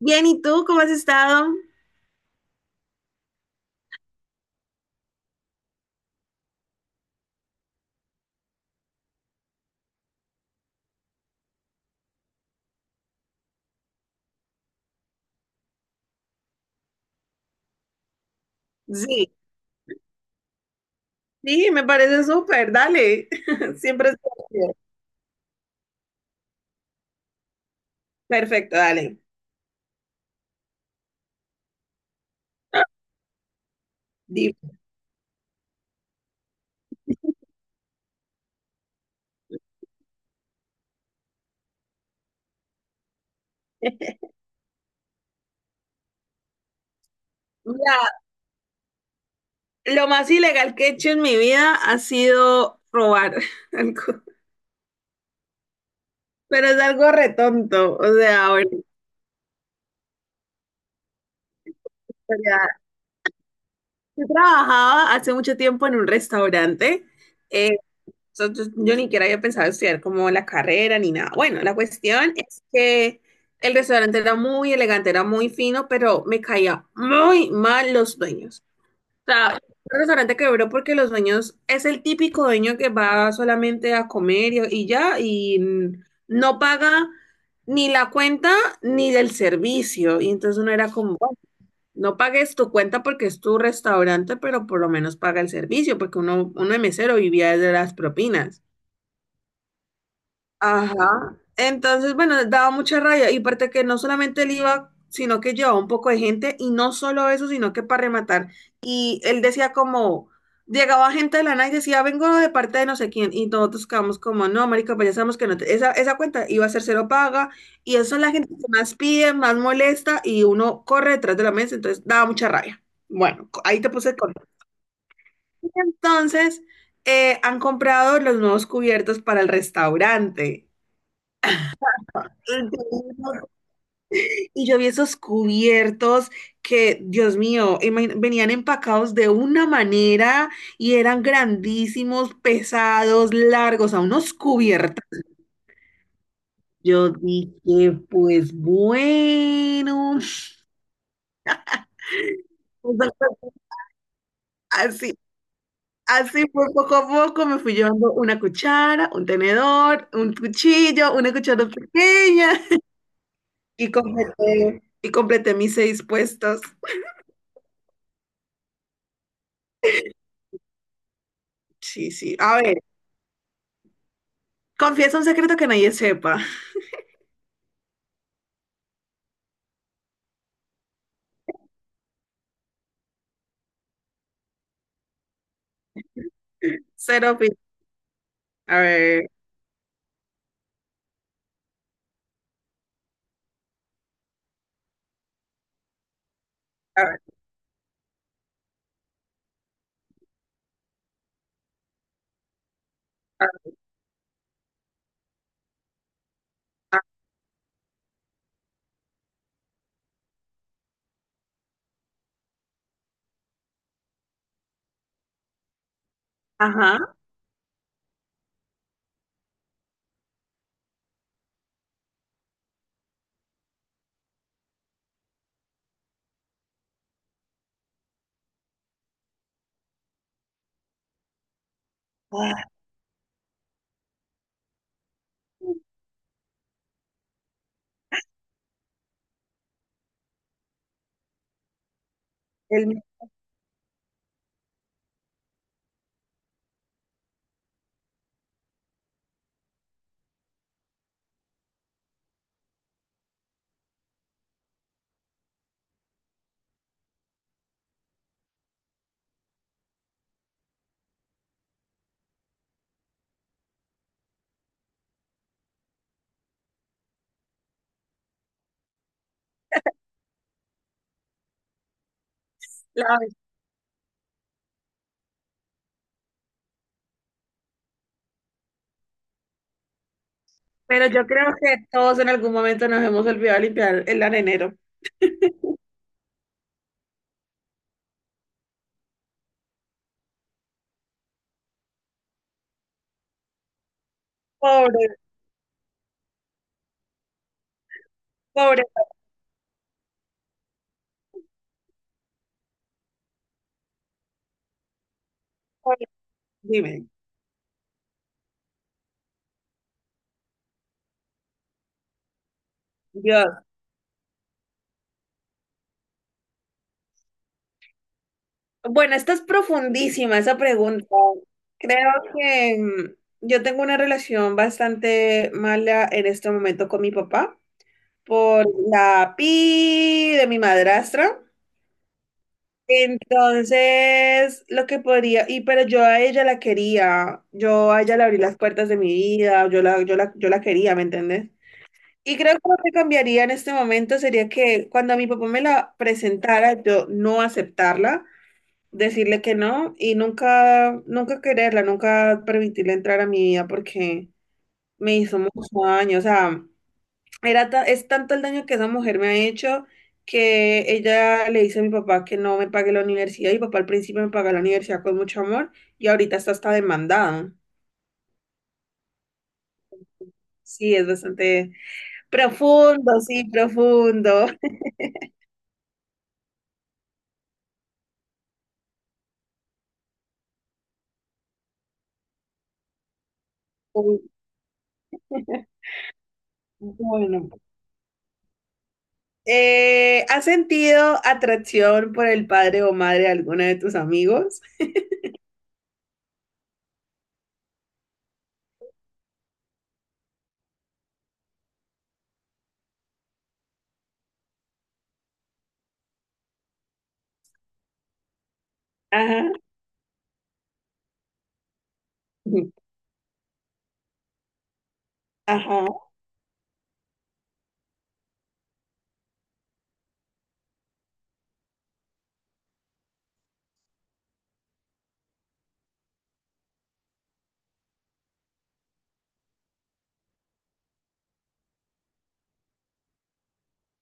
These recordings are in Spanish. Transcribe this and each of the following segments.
Bien, ¿y tú cómo has estado? Sí, sí, me parece súper, dale. Siempre es divertido. Perfecto, dale. Di- Mira, lo más ilegal que he hecho en mi vida ha sido robar algo, pero es algo retonto. O sea, bueno, o sea, yo trabajaba hace mucho tiempo en un restaurante. eh, yo ni siquiera había pensado estudiar como la carrera ni nada. Bueno, la cuestión es que el restaurante era muy elegante, era muy fino, pero me caía muy mal los dueños. O sea, un restaurante quebró porque los dueños es el típico dueño que va solamente a comer y ya, y no paga ni la cuenta ni del servicio. Y entonces uno era como, "Bueno, no pagues tu cuenta porque es tu restaurante, pero por lo menos paga el servicio, porque uno de mesero vivía de las propinas. Ajá. Entonces, bueno, daba mucha rabia. Y aparte que no solamente él iba, sino que llevaba un poco de gente. Y no solo eso, sino que para rematar. Y él decía como, llegaba gente de la nada y decía, vengo de parte de no sé quién. Y nosotros quedamos como, no, marica, pues ya sabemos que no te- esa cuenta iba a ser cero paga. Y eso es la gente que más pide, más molesta. Y uno corre detrás de la mesa. Entonces, daba mucha rabia. Bueno, co- ahí te puse el contexto. Entonces, han comprado los nuevos cubiertos para el restaurante. Y yo vi esos cubiertos que, Dios mío, imagi- venían empacados de una manera y eran grandísimos, pesados, largos, a unos cubiertos. Yo dije, pues bueno, así, así fue poco a poco, me fui llevando una cuchara, un tenedor, un cuchillo, una cuchara pequeña y completé mis seis puestos. Sí, sí, a ver. Confiesa un secreto que nadie sepa. Cero pi- A ver, a ver, a ver, a- ajá. Ah, el- la- pero yo creo que todos en algún momento nos hemos olvidado limpiar el arenero. Pobre, pobre, pobre. Dime, Dios. Bueno, esta es profundísima, esa pregunta. Creo que yo tengo una relación bastante mala en este momento con mi papá por la pi de mi madrastra. Entonces, lo que podría, y pero yo a ella la quería, yo a ella le abrí las puertas de mi vida, yo la quería, ¿me entiendes? Y creo que lo que cambiaría en este momento sería que cuando mi papá me la presentara, yo no aceptarla, decirle que no y nunca quererla, nunca permitirle entrar a mi vida porque me hizo mucho daño, o sea, era ta- es tanto el daño que esa mujer me ha hecho que ella le dice a mi papá que no me pague la universidad. Y mi papá al principio me pagó la universidad con mucho amor y ahorita está hasta demandado. Sí, es bastante profundo, sí, profundo. Bueno, ¿has sentido atracción por el padre o madre de alguno de tus amigos? Ajá, ajá.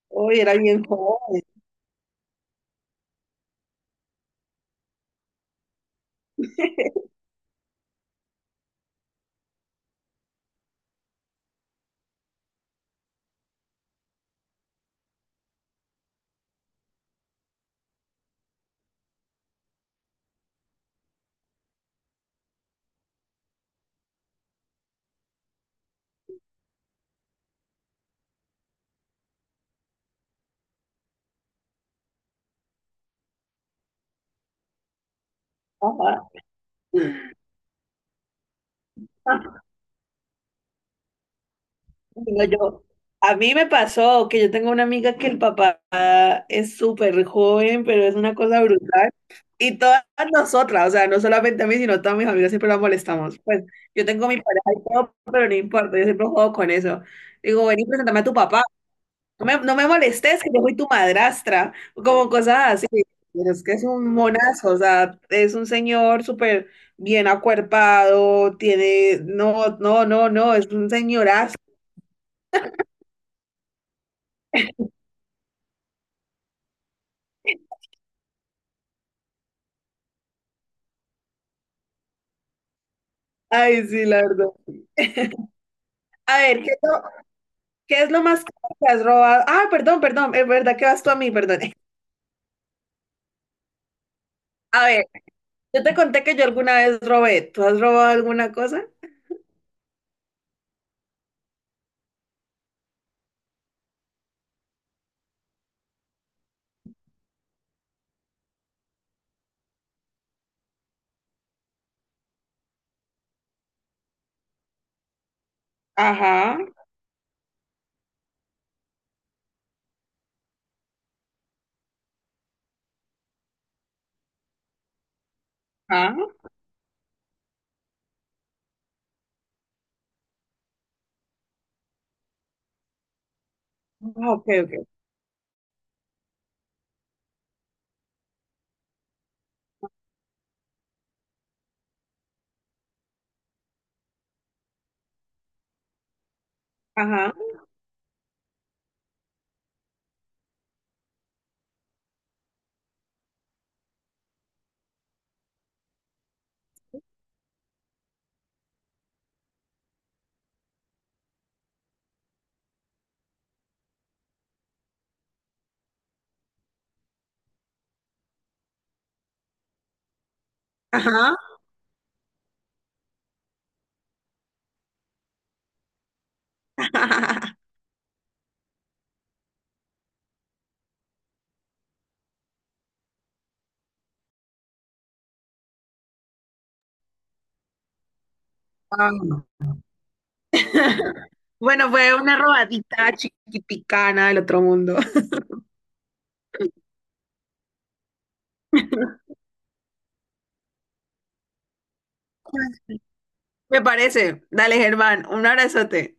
Hoy era bien joven. Ajá. Bueno, yo, a mí me pasó que yo tengo una amiga que el papá es súper joven, pero es una cosa brutal. Y todas nosotras, o sea, no solamente a mí, sino a todas mis amigas siempre la molestamos. Pues yo tengo mi pareja y todo, pero no importa, yo siempre juego con eso. Digo, ven y preséntame a tu papá. No me molestes, que yo soy tu madrastra, o como cosas así. Pero es que es un monazo, o sea, es un señor súper bien acuerpado, tiene, no, es un señorazo. Ay, sí, la verdad. A ver, qué es lo más caro que has robado? Ah, perdón, es verdad que vas tú a mí, perdón. A ver, yo te conté que yo alguna vez robé. ¿Tú has robado alguna cosa? Ajá, ajá. Ah, ok. Ajá, ajá. Ah, no. Bueno, fue una robadita chiquiticana del otro mundo. Me parece. Dale, Germán, un abrazote.